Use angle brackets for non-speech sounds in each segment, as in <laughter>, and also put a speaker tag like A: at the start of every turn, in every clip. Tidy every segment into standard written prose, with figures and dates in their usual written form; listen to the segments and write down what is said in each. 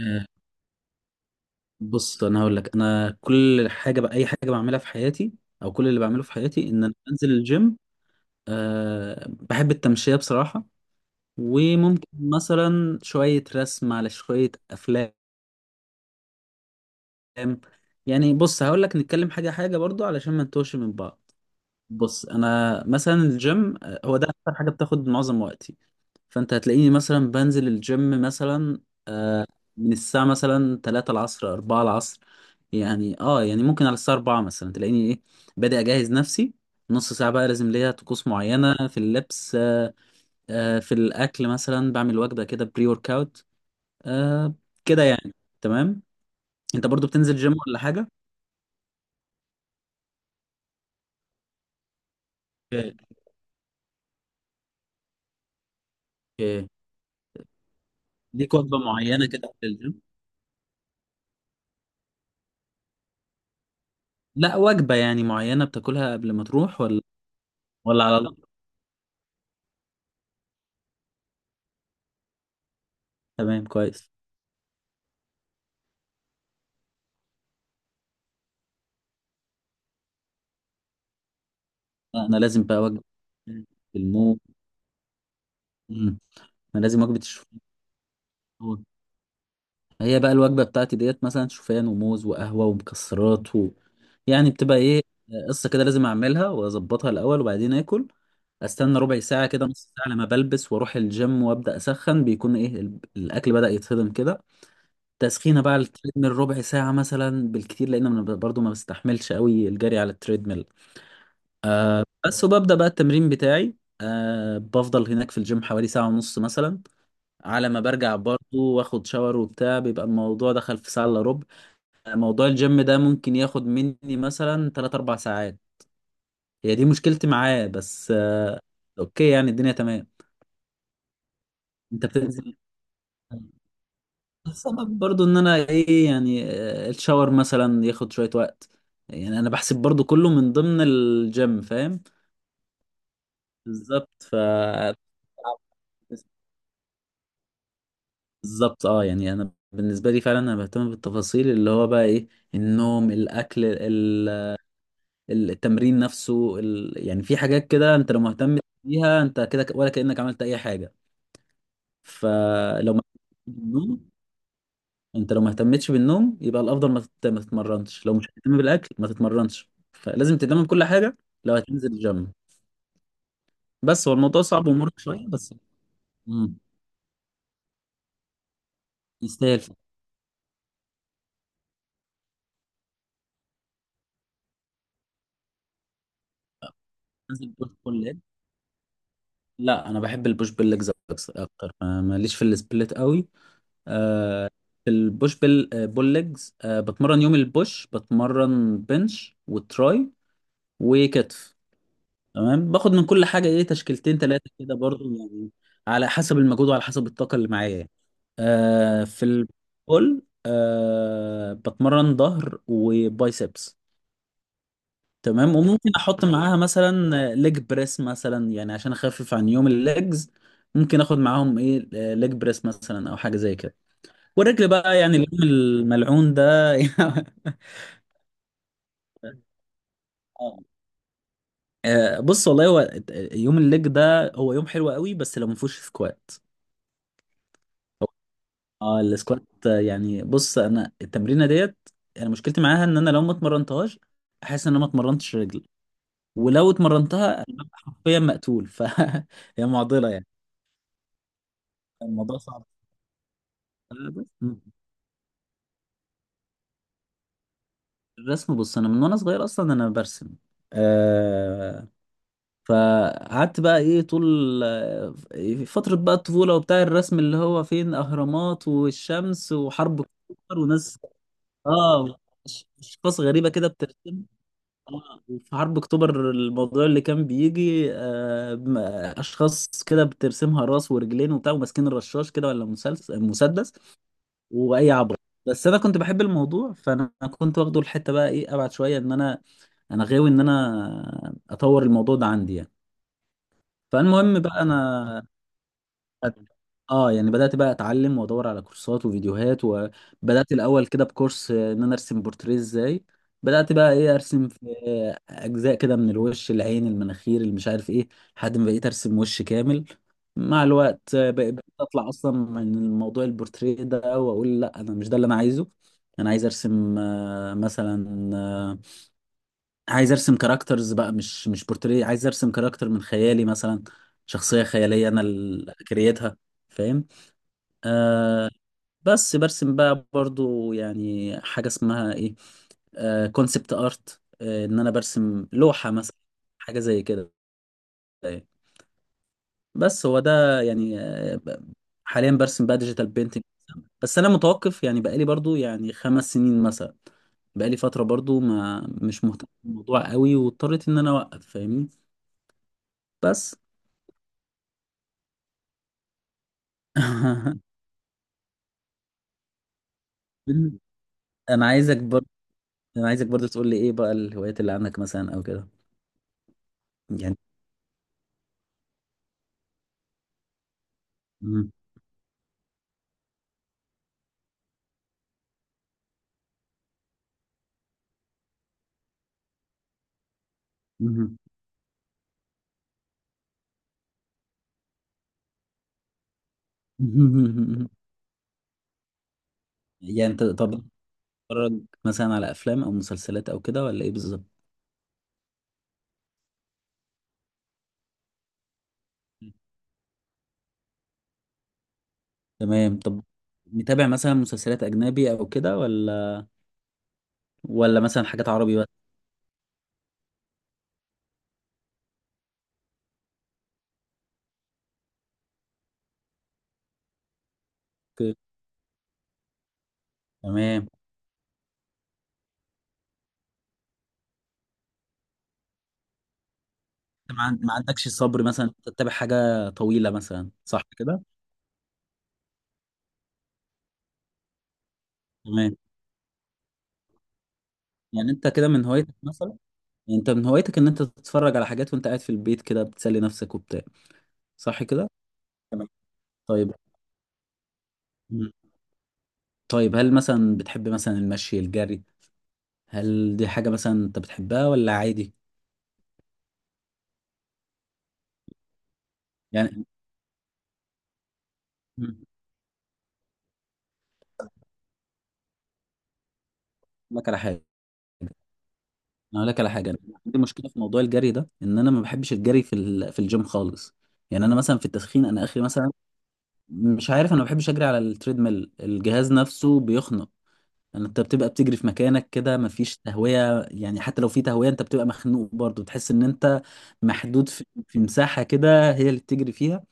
A: آه، بص انا هقول لك انا كل حاجه بقى اي حاجه بعملها في حياتي او كل اللي بعمله في حياتي ان انا بنزل الجيم. بحب التمشيه بصراحه، وممكن مثلا شويه رسم على شويه افلام. يعني بص هقول لك نتكلم حاجه حاجه برضو علشان ما نتوهش من بعض. بص انا مثلا الجيم، هو ده اكتر حاجه بتاخد معظم وقتي. فانت هتلاقيني مثلا بنزل الجيم مثلا من الساعة مثلا 3 العصر 4 العصر. يعني يعني ممكن على الساعة 4 مثلا تلاقيني ايه بادئ اجهز نفسي. نص ساعة بقى لازم ليا طقوس معينة في اللبس. في الأكل مثلا بعمل وجبة كده بري ورك اوت. آه كده يعني. تمام. انت برضو بتنزل جيم ولا حاجة؟ اوكي. اوكي، ليك وجبة معينة كده في الجيم؟ لا، وجبة يعني معينة بتاكلها قبل ما تروح ولا ولا على الله؟ تمام كويس. لا، انا لازم بقى وجبة الموز. مم. انا لازم وجبة الشوفان، هي بقى الوجبة بتاعتي. ديت مثلا شوفان وموز وقهوة ومكسرات و... يعني بتبقى ايه قصة كده لازم اعملها واظبطها الاول وبعدين اكل. استنى ربع ساعة كده، نص ساعة، لما بلبس واروح الجيم وابدأ اسخن بيكون ايه الاكل بدأ يتهضم كده. تسخينة بقى على التريدميل ربع ساعة مثلا بالكتير لان انا برضو ما بستحملش قوي الجري على التريدميل. بس وببدأ بقى التمرين بتاعي. بفضل هناك في الجيم حوالي ساعة ونص مثلا. على ما برجع برضو واخد شاور وبتاع، بيبقى الموضوع دخل في ساعة الا ربع. موضوع الجيم ده ممكن ياخد مني مثلا 3 4 ساعات. هي دي مشكلتي معاه بس. اوكي يعني الدنيا تمام. انت بتنزل؟ السبب برضو ان انا ايه يعني، الشاور مثلا ياخد شوية وقت. يعني انا بحسب برضو كله من ضمن الجيم، فاهم. بالظبط بالظبط يعني انا بالنسبة لي فعلا انا بهتم بالتفاصيل، اللي هو بقى ايه، النوم، الاكل، التمرين نفسه، يعني في حاجات كده انت لو مهتم بيها انت كده ولا كأنك عملت اي حاجة. فلو ما بالنوم، انت لو ما اهتمتش بالنوم يبقى الافضل ما ما تتمرنش، لو مش هتهتم بالاكل ما تتمرنش، فلازم تهتم بكل حاجة لو هتنزل الجيم. بس هو الموضوع صعب ومرهق شوية بس. مم. يستاهل فعلاً. تنزل بوش بول ليج؟ لا، انا بحب البوش بول ليجز اكتر. ماليش في السبليت قوي. في البوش بول ليجز، بتمرن يوم البوش بتمرن بنش وتراي وكتف. تمام، باخد من كل حاجه ايه تشكيلتين ثلاثه كده برضو، يعني على حسب المجهود وعلى حسب الطاقه اللي معايا يعني. في البول بتمرن ظهر وبايسبس. تمام، وممكن احط معاها مثلا ليج بريس مثلا، يعني عشان اخفف عن يوم الليجز. ممكن اخد معاهم ايه ليج بريس مثلا او حاجه زي كده. والرجل بقى يعني، اليوم الملعون ده. <laughs> آه، بص والله هو يوم الليج ده هو يوم حلو قوي بس لو ما فيهوش سكوات. هو- اه، السكوات، يعني بص انا التمرينه ديت، انا مشكلتي معاها ان انا لو ما اتمرنتهاش احس ان انا ما اتمرنتش رجلي. ولو اتمرنتها فيا مقتول. <laughs> هي معضله يعني. الموضوع صعب. آه، بس- الرسم، بص انا من وانا صغير اصلا انا برسم. آه، فقعدت بقى ايه طول في فترة بقى الطفولة وبتاع الرسم، اللي هو فين اهرامات والشمس وحرب اكتوبر وناس، اه، اشخاص غريبة كده بترسم. اه، وفي حرب اكتوبر الموضوع اللي كان بيجي اشخاص كده بترسمها راس ورجلين وبتاع وماسكين الرشاش كده ولا مسلسل مسدس واي عبط. بس انا كنت بحب الموضوع، فانا كنت واخده الحتة بقى ايه ابعد شوية، ان انا انا غاوي ان انا اطور الموضوع ده عندي يعني. فالمهم بقى انا اه يعني بدات بقى اتعلم وادور على كورسات وفيديوهات. وبدات الاول كده بكورس، ان انا ارسم بورتريه ازاي. بدات بقى ايه ارسم في اجزاء كده من الوش، العين، المناخير، اللي مش عارف ايه، لحد ما بقيت ارسم وش كامل. مع الوقت، بقيت اطلع اصلا من الموضوع البورتريه ده واقول لا انا مش ده اللي انا عايزه. انا عايز ارسم، مثلا، عايز ارسم كاركترز بقى، مش بورتريه. عايز ارسم كاركتر من خيالي مثلا، شخصية خيالية انا اللي كريتها، فاهم. بس برسم بقى برضو يعني حاجة اسمها ايه كونسبت ارت، ان انا برسم لوحة مثلا، حاجة زي كده يعني. بس هو ده يعني، حاليا برسم بقى ديجيتال بينتنج. بس انا متوقف يعني بقالي برضو يعني 5 سنين مثلا. بقالي فترة برضو ما مش مهتم بالموضوع قوي واضطريت ان انا اوقف، فاهمني. بس <laughs> مم. انا عايزك برضه، انا عايزك برضه تقول لي ايه بقى الهوايات اللي عندك مثلا او كده. يعني. مم. مم. <laughs> يعني انت طب بتتفرج مثلا على افلام او مسلسلات او كده ولا ايه بالظبط؟ تمام. طب متابع مثلا مسلسلات اجنبي او كده، ولا ولا مثلا حاجات عربي بس؟ اوكي. تمام. انت ما عندكش الصبر مثلا انت تتابع حاجه طويله مثلا، صح كده؟ تمام. يعني انت كده من هوايتك مثلا، يعني انت من هوايتك ان انت تتفرج على حاجات وانت قاعد في البيت كده بتسلي نفسك وبتاع، صح كده؟ طيب. مم. طيب، هل مثلا بتحب مثلا المشي، الجري، هل دي حاجة مثلا انت بتحبها ولا عادي يعني؟ مم. أقول لك على حاجة، انا اقول لك على حاجة. أنا عندي مشكلة في موضوع الجري ده، ان انا ما بحبش الجري في الجيم خالص. يعني انا مثلا في التسخين انا اخري مثلا. مش عارف، انا ما بحبش اجري على التريدميل. الجهاز نفسه بيخنق، يعني انت بتبقى بتجري في مكانك كده، مفيش تهوية، يعني حتى لو في تهوية انت بتبقى مخنوق برضه. بتحس ان انت محدود في مساحة كده هي اللي بتجري فيها.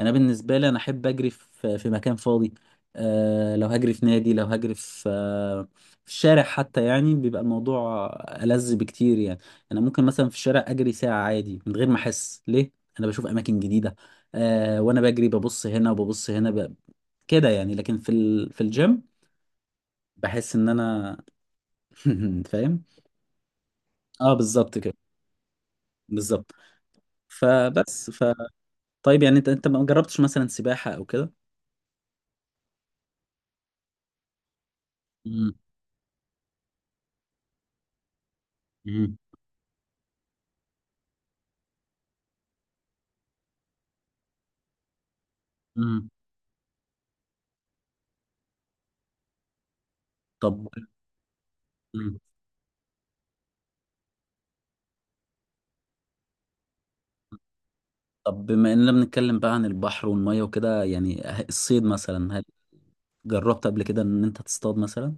A: انا بالنسبه لي انا احب اجري في مكان فاضي. أه، لو هجري في نادي، لو هجري في، في الشارع حتى، يعني بيبقى الموضوع ألذ بكتير يعني. انا ممكن مثلا في الشارع اجري ساعه عادي من غير ما احس ليه. انا بشوف اماكن جديده، أه، وانا بجري ببص هنا وببص هنا كده يعني. لكن في الجيم بحس ان انا <laughs> فاهم. اه، بالظبط كده. بالظبط. فبس ف طيب يعني انت، انت ما جربتش مثلا سباحه او كده؟ امم. امم. طب. مم. طب، بما اننا بنتكلم بقى عن البحر والميه وكده يعني، الصيد مثلا، هل جربت قبل كده ان انت تصطاد مثلا؟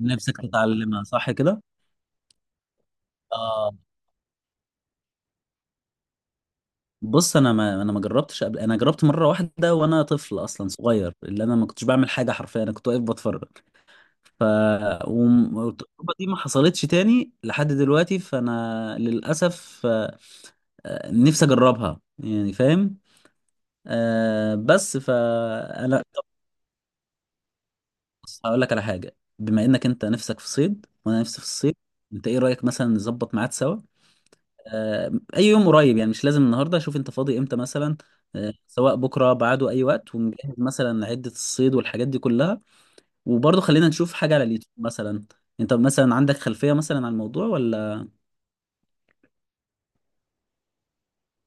A: نفسك تتعلمها، صح كده. آه بص انا ما انا ما جربتش قبل، انا جربت مره واحده وانا طفل اصلا صغير، اللي انا ما كنتش بعمل حاجه حرفيا، انا كنت واقف بتفرج. ف والتجربه دي ما حصلتش تاني لحد دلوقتي، فانا للاسف، نفسي اجربها يعني، فاهم. آه بس فانا بص هقول لك على حاجة، بما انك انت نفسك في صيد وانا نفسي في الصيد، انت ايه رأيك مثلا نظبط ميعاد سوا؟ اي يوم قريب يعني، مش لازم النهاردة، شوف انت فاضي امتى مثلا. سواء بكرة بعده، اي وقت، ونجهز مثلا عدة الصيد والحاجات دي كلها. وبرضه خلينا نشوف حاجة على اليوتيوب مثلا، انت مثلا عندك خلفية مثلا عن الموضوع ولا؟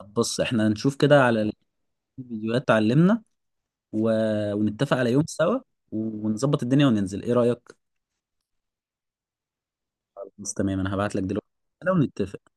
A: بص احنا نشوف كده على الفيديوهات تعلمنا و... ونتفق على يوم سوا ونظبط الدنيا وننزل، ايه رأيك؟ بس تمام، انا هبعت لك دلوقتي ونتفق.